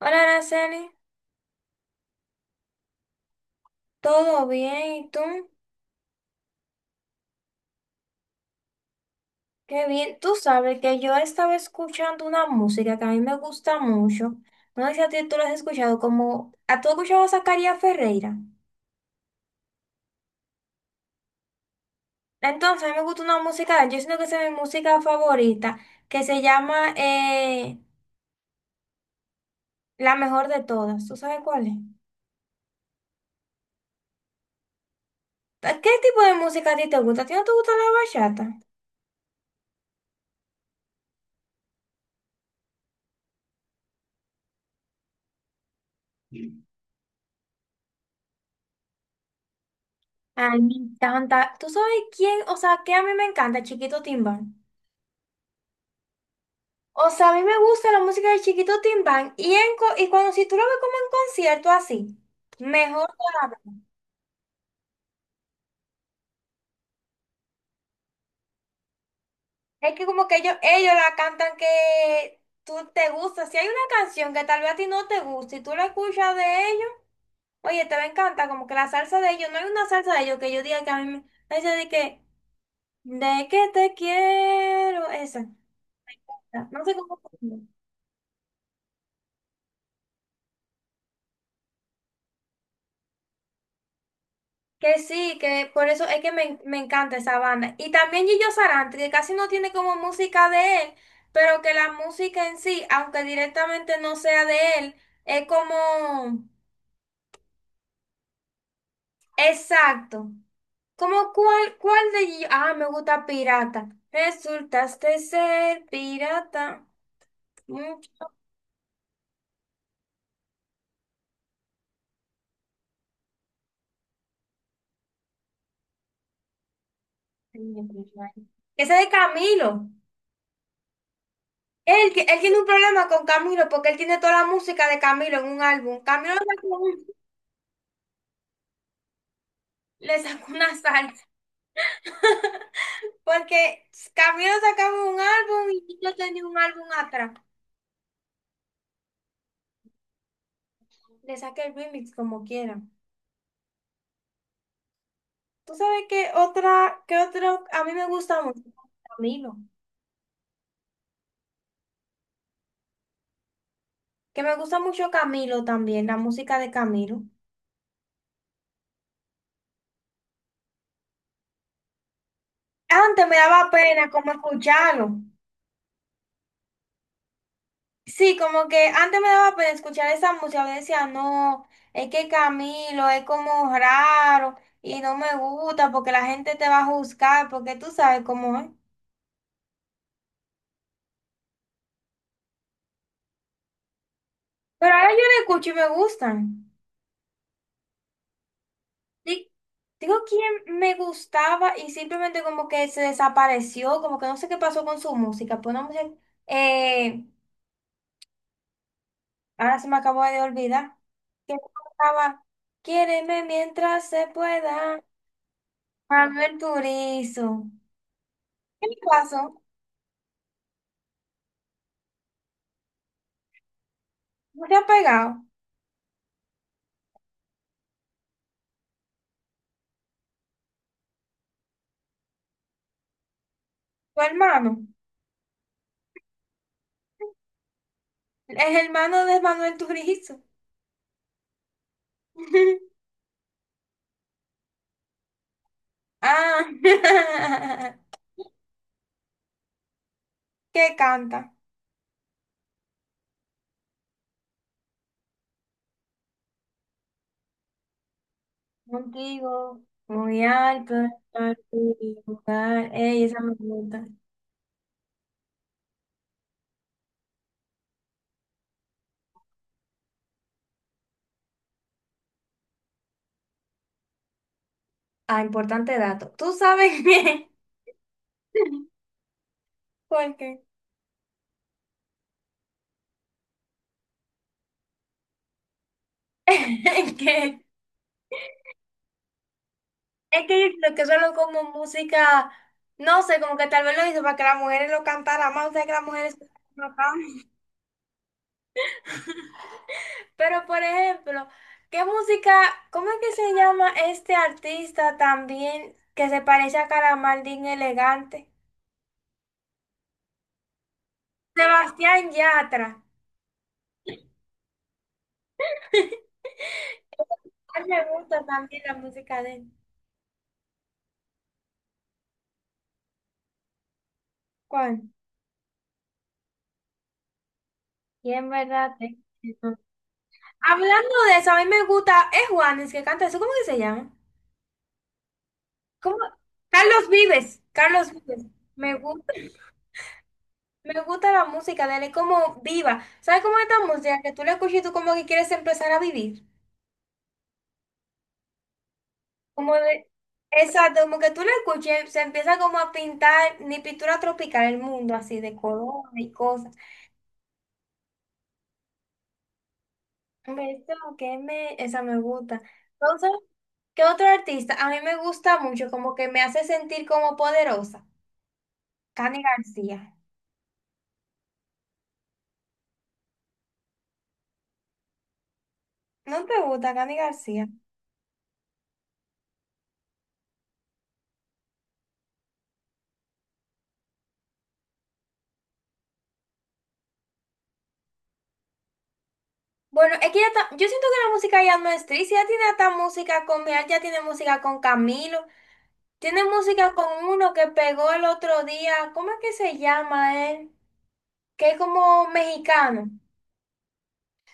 Hola, Araceli, ¿todo bien? ¿Y tú? Qué bien. Tú sabes que yo estaba escuchando una música que a mí me gusta mucho. No sé si a ti tú la has escuchado, como... ¿A tú has escuchado a Zacarías Ferreira? Entonces, a mí me gusta una música de él, yo siento que esa es mi música favorita, que se llama La Mejor de Todas. ¿Tú sabes cuál es? ¿A ¿Qué tipo de música a ti te gusta? ¿A ti no te gusta la bachata? Ay, me encanta. ¿Tú sabes quién? O sea, ¿qué a mí me encanta, Chiquito Timbal? O sea, a mí me gusta la música de Chiquito Timbán y, y cuando si tú lo ves como en concierto así, mejor todavía. Es que como que ellos la cantan que tú te gusta. Si hay una canción que tal vez a ti no te gusta y tú la escuchas de ellos, oye, te va a encantar, como que la salsa de ellos, no hay una salsa de ellos que yo diga que a mí me esa de que te quiero, esa. No sé cómo. Que sí, que por eso es que me encanta esa banda. Y también Gillo Sarante, que casi no tiene como música de él, pero que la música en sí, aunque directamente no sea de él, es como... Exacto. Como cuál, cuál de Gillo... Ah, me gusta Pirata. Resultaste ser pirata. Mucho. Ese de Camilo. Él, él tiene un problema con Camilo porque él tiene toda la música de Camilo en un álbum. Camilo le sacó le sacó una salsa. Porque Camilo sacaba un álbum y yo tenía un álbum atrás. Le saqué el remix como quiera. ¿Tú sabes qué otra, qué otro? A mí me gusta mucho Camilo. Que me gusta mucho Camilo también, la música de Camilo. Antes me daba pena como escucharlo. Sí, como que antes me daba pena escuchar esa música. Yo decía, no, es que Camilo es como raro y no me gusta porque la gente te va a juzgar porque tú sabes cómo es. Pero ahora yo la escucho y me gustan. Sí, digo quién me gustaba y simplemente como que se desapareció, como que no sé qué pasó con su música. Pues una mujer, eh, ahora se me acabó de olvidar. Que cantaba Quiéreme mientras se pueda. Manuel Turizo. ¿Qué le pasó? ¿No se ha pegado? Tu hermano. El hermano de Manuel Turizo. Ah, qué canta. Contigo, muy alto, estar y buscar. Ey, esa me gusta. Ah, importante dato. Tú sabes bien. ¿Por qué? Es que, es que lo que suena como música, no sé, como que tal vez lo hizo para que las mujeres lo cantaran más, o sea, que las mujeres lo cantan. Pero, por ejemplo, ¿qué música, cómo es que se llama este artista también que se parece a Calamardín Elegante? Sebastián Yatra. Ay, me gusta también la música de él. ¿Cuál? Y en verdad, te- Hablando de eso, a mí me gusta, es Juanes que canta eso, ¿cómo que se llama? ¿Cómo? Carlos Vives, Carlos Vives. Me gusta, me gusta la música de él, es como viva. ¿Sabes cómo es esta música? Que tú la escuchas y tú como que quieres empezar a vivir. Como de, exacto, como que tú la escuches, se empieza como a pintar, ni pintura tropical, el mundo así de color y cosas. Beto, que me, esa me gusta. Entonces, ¿qué otro artista? A mí me gusta mucho, como que me hace sentir como poderosa. Cani García. ¿No te gusta Cani García? Bueno, es que ya está, yo siento que la música ya no es triste, ya tiene hasta música con, mira, ya tiene música con Camilo, tiene música con uno que pegó el otro día, ¿cómo es que se llama él? Que es como mexicano,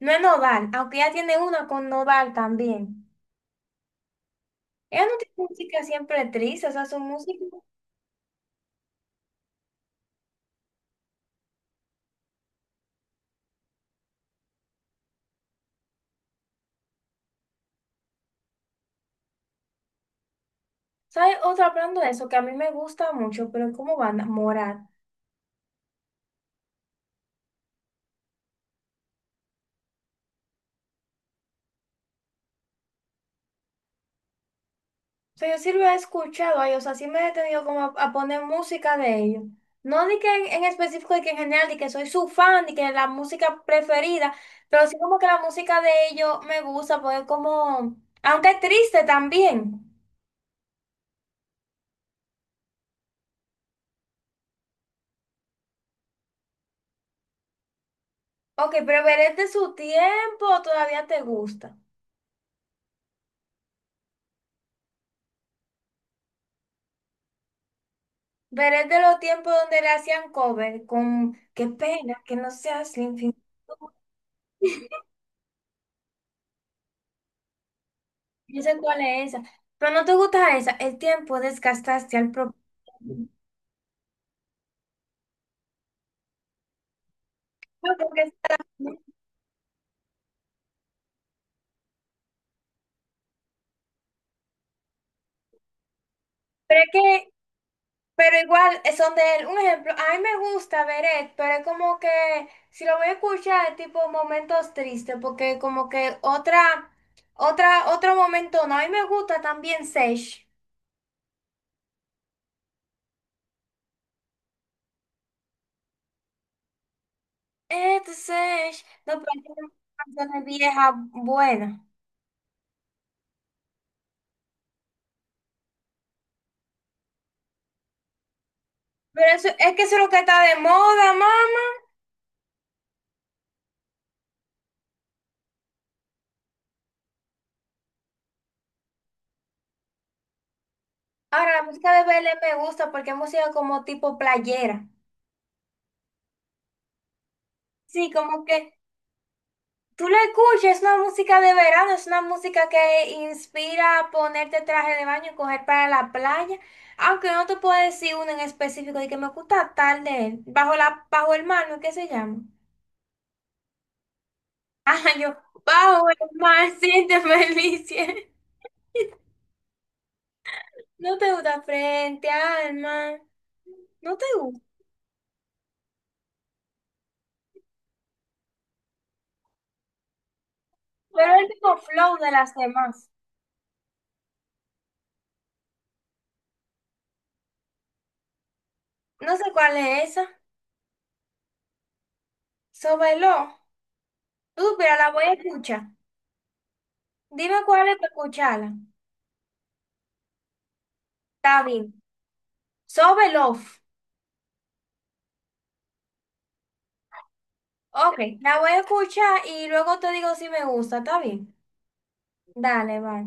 no es Nodal, aunque ya tiene una con Nodal también. Ella no tiene música siempre triste, o sea, su música. ¿Sabes? Otra hablando de eso que a mí me gusta mucho, pero como banda, Morat. O sea, yo sí lo he escuchado a ellos, o sea, sí me he detenido como a poner música de ellos. No de que en específico, de que en general, de que soy su fan, de que la música preferida, pero sí como que la música de ellos me gusta, porque como, aunque es triste también. Ok, pero Veré de su tiempo todavía te gusta. Veré de los tiempos donde le hacían cover con qué pena que no seas limpio. Yo sé cuál es esa, pero no te gusta esa. El tiempo desgastaste al propósito. Pero es que, pero igual son de él. Un ejemplo, a mí me gusta Beret, pero es como que si lo voy a escuchar es tipo momentos tristes, porque como que otra, otra, otro momento, no, a mí me gusta también Sage. Este Sage, no, pero es que son canciones viejas buenas. Pero eso, es que eso es lo que está de moda, mami. Ahora, la música de BL me gusta porque es música como tipo playera. Sí, como que tú la escuchas, es una música de verano, es una música que inspira a ponerte traje de baño y coger para la playa. Aunque no te puedo decir uno en específico de que me gusta tal de él. Bajo la, bajo el mar, ¿no? ¿Qué se llama? Ah, yo, bajo el mar, siente felicia. No te gusta frente al mar. No te gusta. Pero el mismo flow de las demás. No sé cuál es esa. Sobelo. Tú, pero la voy a escuchar. Dime cuál es para escucharla. Está bien. Sobe Love. Ok, la voy a escuchar y luego te digo si me gusta. Está bien. Dale, bye.